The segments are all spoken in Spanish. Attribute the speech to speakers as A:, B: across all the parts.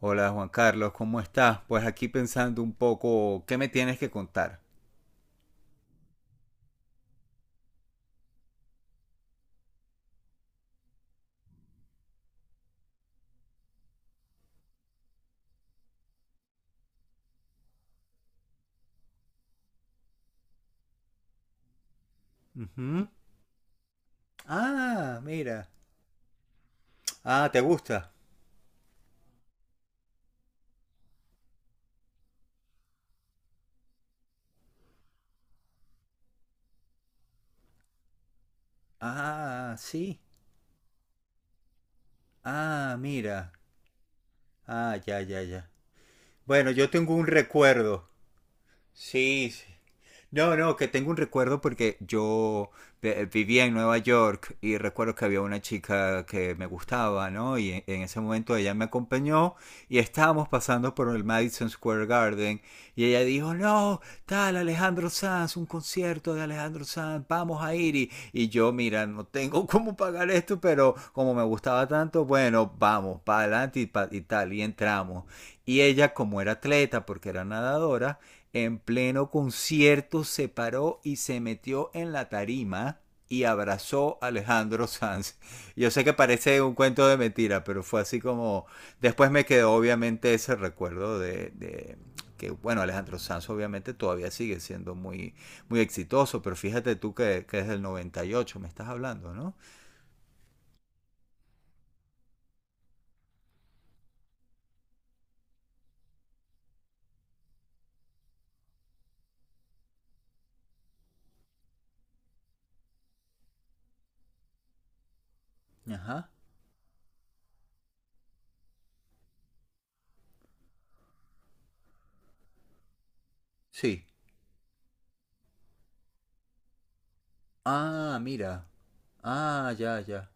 A: Hola Juan Carlos, ¿cómo estás? Pues aquí pensando un poco, ¿qué me tienes que contar? Ujú. Ah, mira. Ah, ¿te gusta? Ah, sí. Ah, mira. Ah, ya, ya, ya. Bueno, yo tengo un recuerdo. Sí, sí. No, no, que tengo un recuerdo porque yo vivía en Nueva York y recuerdo que había una chica que me gustaba, ¿no? Y en ese momento ella me acompañó y estábamos pasando por el Madison Square Garden y ella dijo, no, tal Alejandro Sanz, un concierto de Alejandro Sanz, vamos a ir. Y yo, mira, no tengo cómo pagar esto, pero como me gustaba tanto, bueno, vamos, para adelante y, y tal, y entramos. Y ella, como era atleta, porque era nadadora, en pleno concierto se paró y se metió en la tarima y abrazó a Alejandro Sanz. Yo sé que parece un cuento de mentira, pero fue así como... Después me quedó obviamente ese recuerdo de que, bueno, Alejandro Sanz obviamente todavía sigue siendo muy, muy exitoso, pero fíjate tú que es del 98 me estás hablando, ¿no? Ajá. Sí. Ah, mira. Ah, ya, ya.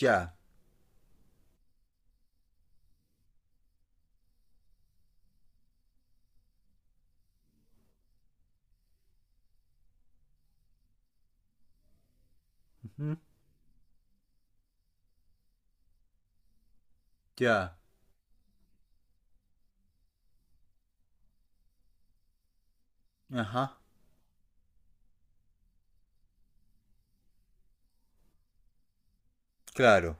A: Ya. Ujú. Ya. Ajá. Claro.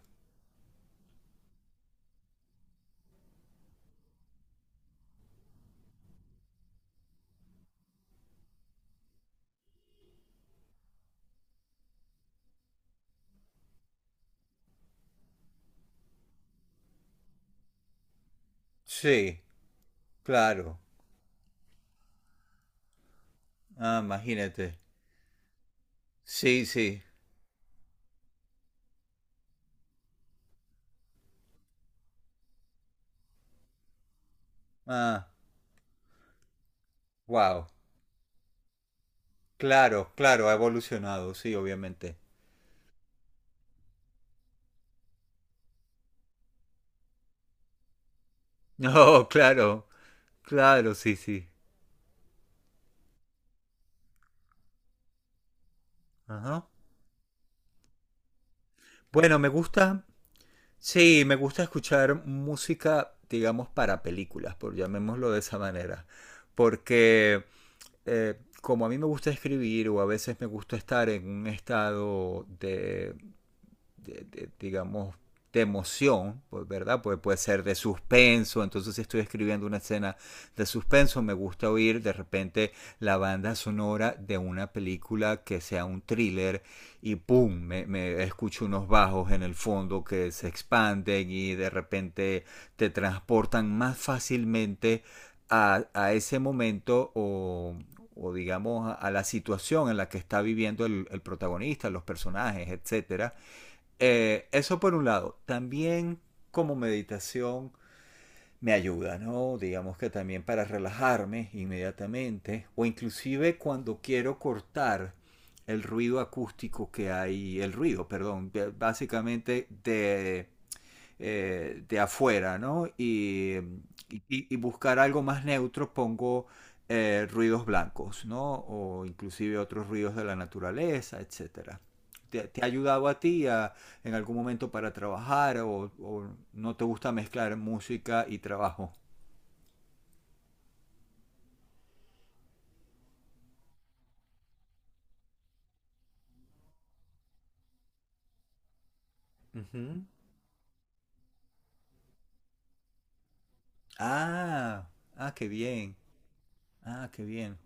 A: Sí. Claro. Ah, imagínate. Sí, sí. Ah, wow. Claro, claro, ha evolucionado, sí, obviamente. No, claro, claro, sí, sí. Ajá. Bueno, me gusta, sí, me gusta escuchar música, digamos, para películas, por llamémoslo de esa manera, porque como a mí me gusta escribir o a veces me gusta estar en un estado de, de, digamos, de emoción, pues, ¿verdad? Pues puede ser de suspenso, entonces si estoy escribiendo una escena de suspenso, me gusta oír de repente la banda sonora de una película que sea un thriller y ¡pum! Me escucho unos bajos en el fondo que se expanden y de repente te transportan más fácilmente a ese momento o digamos a la situación en la que está viviendo el protagonista, los personajes, etcétera. Eso por un lado. También como meditación me ayuda, ¿no? Digamos que también para relajarme inmediatamente o inclusive cuando quiero cortar el ruido acústico que hay, el ruido, perdón, básicamente de afuera, ¿no? Y, y buscar algo más neutro pongo ruidos blancos, ¿no? O inclusive otros ruidos de la naturaleza, etcétera. ¿Te, te ha ayudado a ti a, en algún momento para trabajar o no te gusta mezclar música y trabajo? Ujú. Ah, ah, qué bien. Ah, qué bien.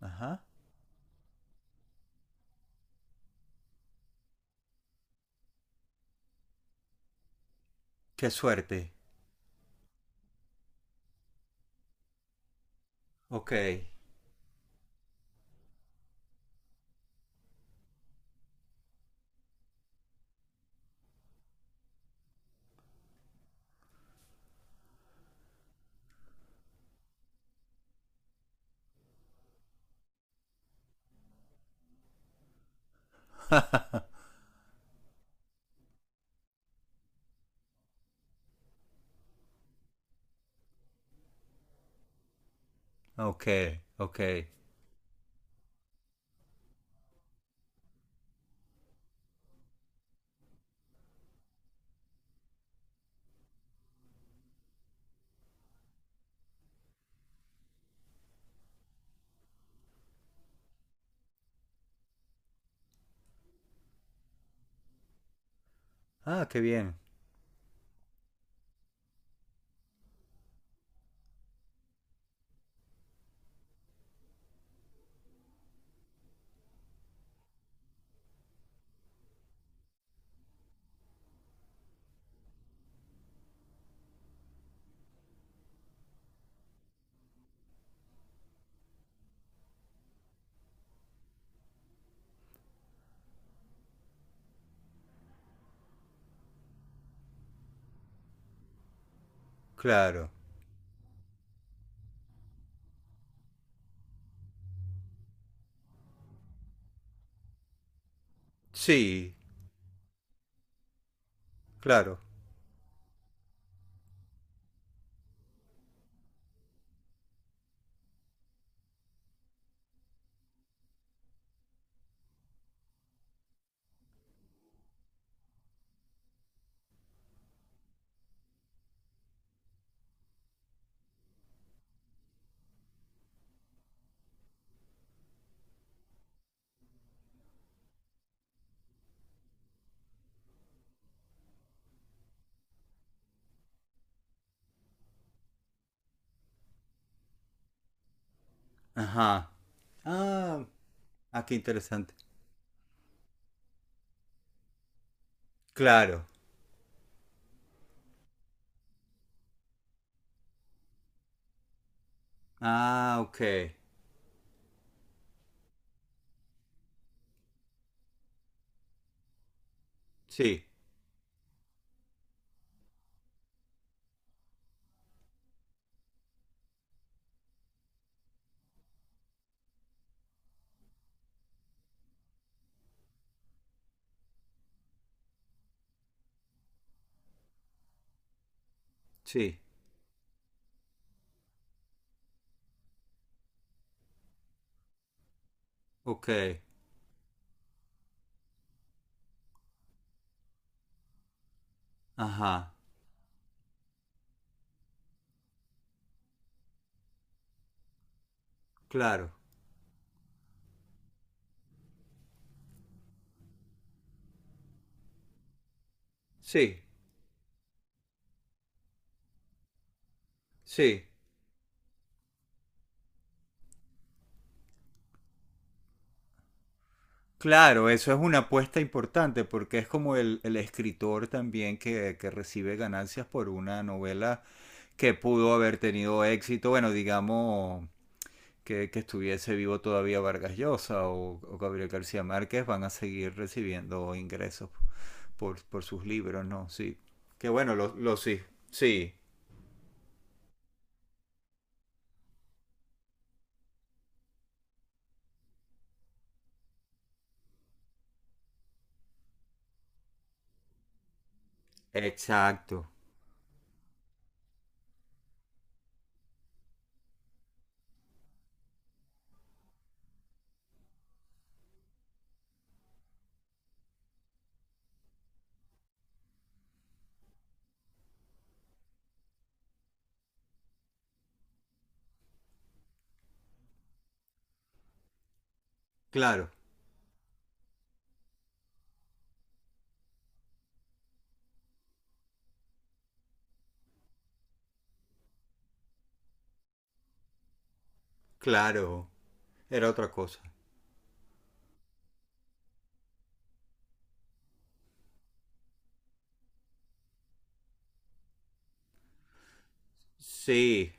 A: Ajá. Qué suerte. Ok. Ok, ok. Ah, qué bien. Claro. Sí, claro. Ajá. Ah, ah, qué interesante. Claro. Ah, ok. Sí, sí. Ok. Ajá. Claro. Sí, sí. Claro, eso es una apuesta importante porque es como el escritor también que recibe ganancias por una novela que pudo haber tenido éxito, bueno, digamos que estuviese vivo todavía Vargas Llosa o Gabriel García Márquez, van a seguir recibiendo ingresos por sus libros, ¿no? Sí. Que bueno, lo sí, sí, exacto. Claro, claro. Era otra cosa. Sí.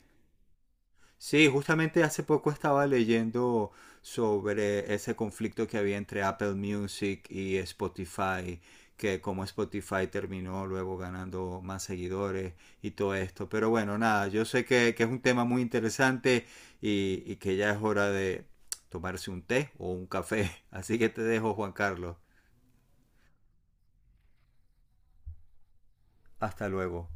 A: Sí, justamente hace poco estaba leyendo sobre ese conflicto que había entre Apple Music y Spotify, que como Spotify terminó luego ganando más seguidores y todo esto. Pero bueno, nada, yo sé que es un tema muy interesante y que ya es hora de tomarse un té o un café. Así que te dejo, Juan Carlos. Hasta luego.